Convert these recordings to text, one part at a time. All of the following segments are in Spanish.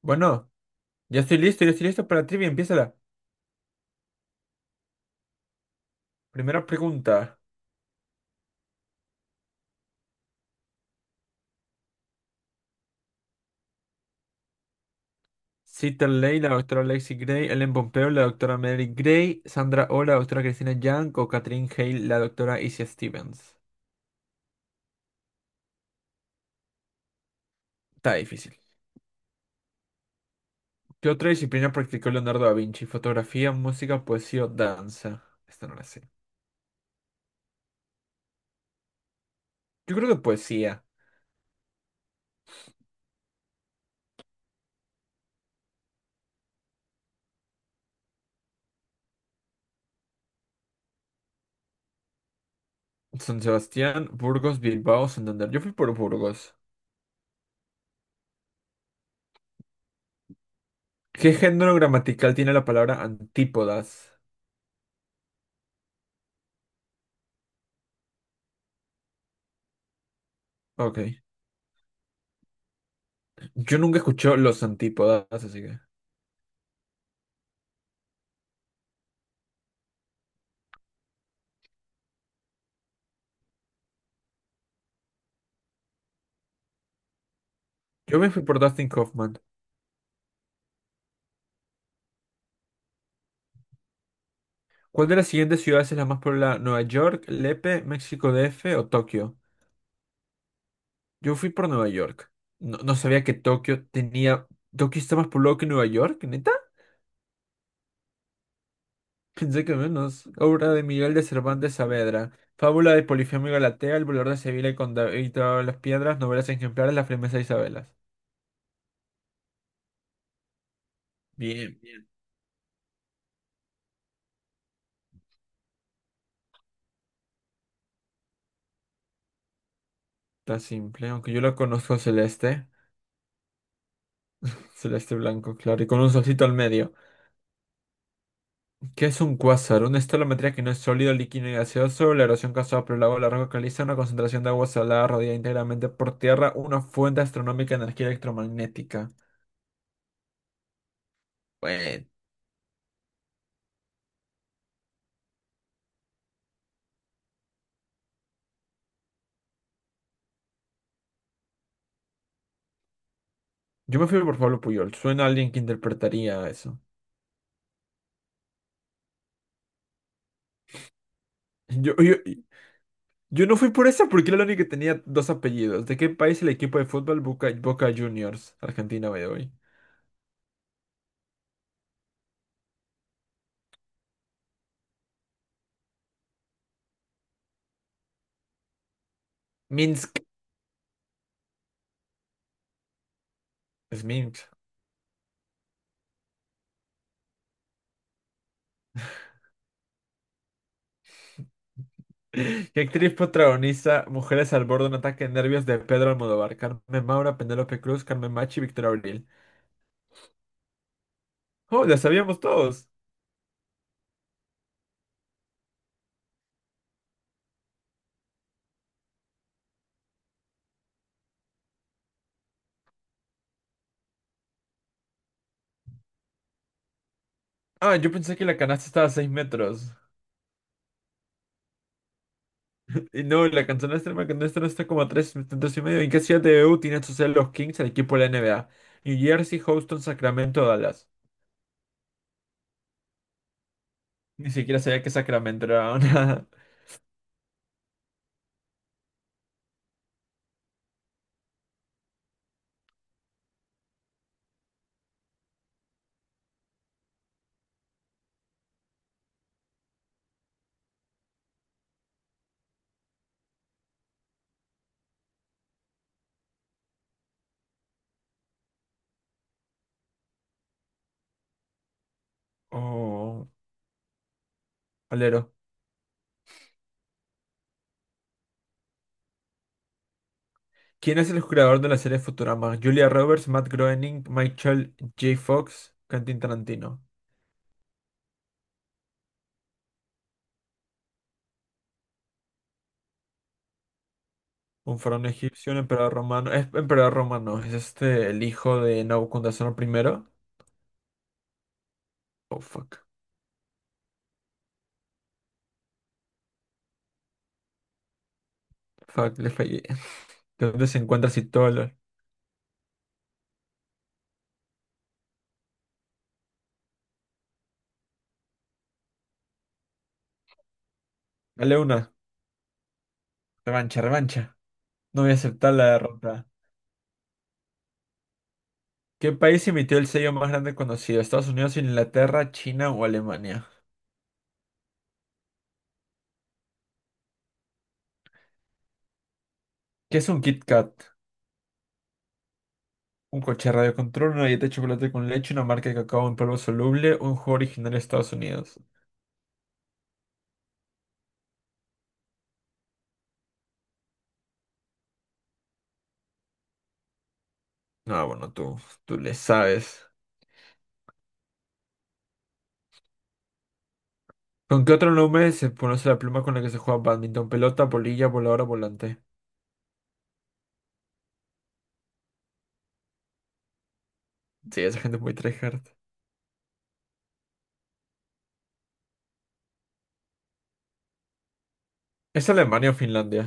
Bueno, ya estoy listo para la trivia. Empiézala. Primera pregunta. Cita Ley, la doctora Lexi Gray, Ellen Pompeo, la doctora Mary Gray, Sandra Oh, la doctora Cristina Yang o Catherine Hale, la doctora Isia Stevens. Está difícil. ¿Qué otra disciplina practicó Leonardo da Vinci? ¿Fotografía, música, poesía o danza? Esta no la sé. Yo creo que poesía. San Sebastián, Burgos, Bilbao, Santander. Yo fui por Burgos. ¿Qué género gramatical tiene la palabra antípodas? Ok. Yo nunca escuché los antípodas, así que. Yo me fui por Dustin Kaufman. ¿Cuál de las siguientes ciudades es la más poblada? ¿Nueva York, Lepe, México DF o Tokio? Yo fui por Nueva York. No, no sabía que Tokio tenía. ¿Tokio está más poblado que Nueva York, neta? Pensé que menos. Obra de Miguel de Cervantes Saavedra. Fábula de Polifemo y Galatea, El volador de Sevilla y con David todas las piedras, novelas ejemplares, La firmeza de Isabelas. Bien, bien. Está simple, aunque yo lo conozco celeste. Celeste blanco, claro, y con un solcito al medio. ¿Qué es un cuásar? Una escalometría que no es sólido, líquido ni gaseoso. La erosión causada por el agua de la roca caliza, una concentración de agua salada rodeada íntegramente por tierra, una fuente astronómica de energía electromagnética. Bueno, yo me fui por Pablo Puyol. Suena a alguien que interpretaría eso. Yo, yo, yo no fui por esa porque era la única que tenía dos apellidos. ¿De qué país el equipo de fútbol Boca Juniors? Argentina, by the way. Minsk. Es Minsk. ¿Qué actriz protagoniza Mujeres al borde de un ataque de nervios de Pedro Almodóvar? Carmen Maura, Penélope Cruz, Carmen Machi, Victoria Abril. Oh, la sabíamos todos. Ah, yo pensé que la canasta estaba a 6 metros. Y no, la canasta extrema que no está está como a 3 metros y medio. ¿En qué ciudad de E u tienen su sede los Kings, el equipo de la NBA? New Jersey, Houston, Sacramento, Dallas. Ni siquiera sabía que Sacramento era una. Oh, alero. ¿Quién es el creador de la serie Futurama? Julia Roberts, Matt Groening, Michael J. Fox, Quentin Tarantino. Un faraón egipcio, un emperador romano. Es emperador romano. Es este el hijo de Nabucodonosor primero. Oh, fuck. Fuck, le fallé. ¿De dónde se encuentra Citóla? Dale una. Revancha, revancha. No voy a aceptar la derrota. ¿Qué país emitió el sello más grande conocido? ¿Estados Unidos, Inglaterra, China o Alemania? ¿Qué es un Kit Kat? Un coche de radio, una dieta de chocolate con leche, una marca de cacao en polvo soluble, un juego original de Estados Unidos. No, bueno, tú le sabes. ¿Con qué otro nombre se conoce la pluma con la que se juega bádminton? Pelota, bolilla, voladora, volante. Sí, esa gente es muy tryhard. ¿Es Alemania o Finlandia?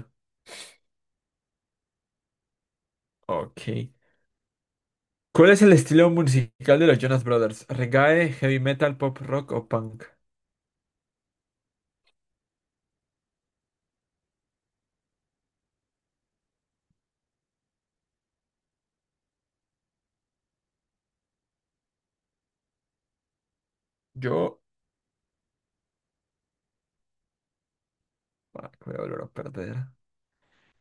Ok. ¿Cuál es el estilo musical de los Jonas Brothers? ¿Reggae, heavy metal, pop rock o punk? Yo... ah, me voy a volver a perder.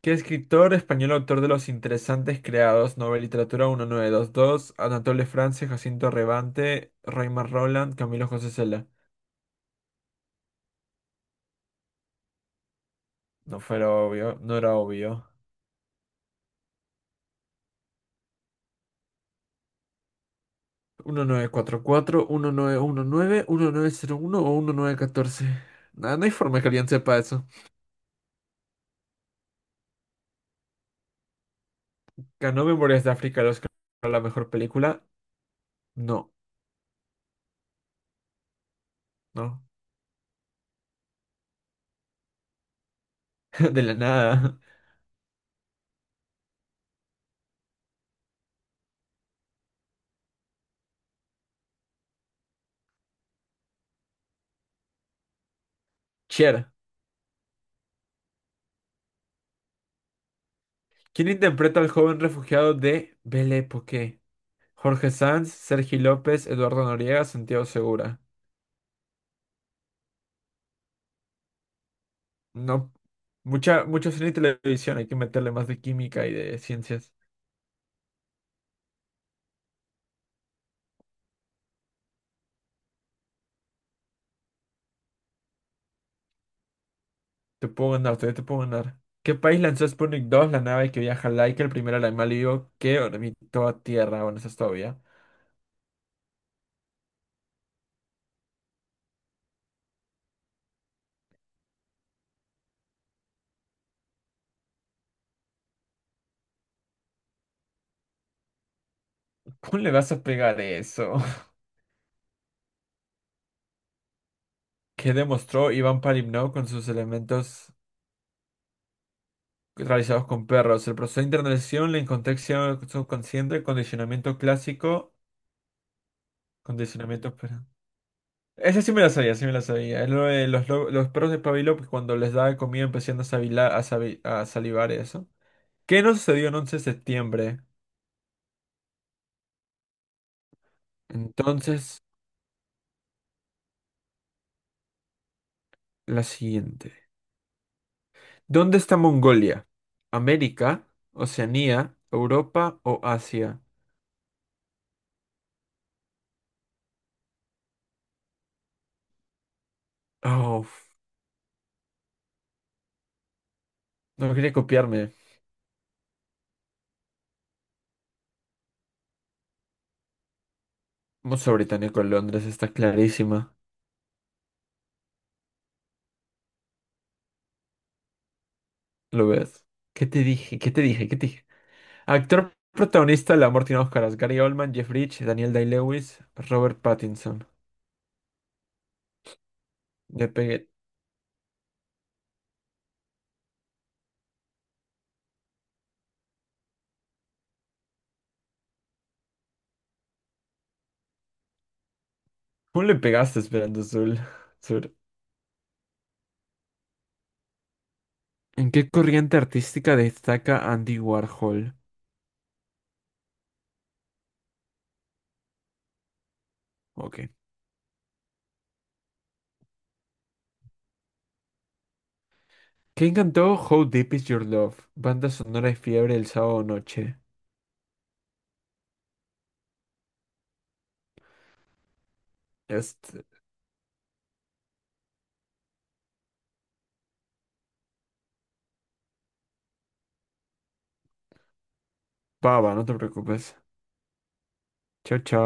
¿Qué escritor español autor de los interesantes creados? Nobel Literatura 1922, Anatole France, Jacinto Rebante, Raymond Roland, Camilo José Cela. No fuera obvio, no era obvio. 1944, 1919, uno o 1914. Nah, no hay forma que alguien sepa eso. ¿Ganó Memorias de África el Oscar a la mejor película? No, no. De la nada. Cher. ¿Quién interpreta al joven refugiado de Belle Époque? Jorge Sanz, Sergi López, Eduardo Noriega, Santiago Segura. No. Mucha, mucho cine y televisión. Hay que meterle más de química y de ciencias. Te puedo ganar, todavía te puedo ganar. ¿Qué país lanzó Sputnik 2, la nave que viaja Laika, el primer animal vivo que orbitó a Tierra? Bueno, eso es todavía. ¿Cómo le vas a pegar eso? ¿Qué demostró Iván Palimnov con sus elementos realizados con perros? El proceso de internalización, la incontexto subconsciente, condicionamiento clásico, condicionamiento. Esa sí me la sabía, sí me la sabía. Es lo de los, lo- los perros de Pavlov que cuando les daba comida empezaban a, sabila- a sabi- a salivar eso. ¿Qué no sucedió en 11 de septiembre? Entonces. La siguiente. ¿Dónde está Mongolia? ¿América? ¿Oceanía? ¿Europa o Asia? Oh, f- no quería copiarme. Museo Británico en Londres está clarísima. ¿Lo ves? ¿Qué te dije? ¿Qué te dije? ¿Qué te dije? Actor protagonista de La Amor tiene Oscaras. Gary Oldman, Jeff Bridges, Daniel Day-Lewis, Robert Pattinson. Le pegué. ¿Cómo le pegaste esperando Azul? Sur. ¿En qué corriente artística destaca Andy Warhol? Ok. ¿Quién cantó How Deep Is Your Love? Banda sonora de fiebre el sábado noche. Este, pava, no te preocupes. Chao, chao.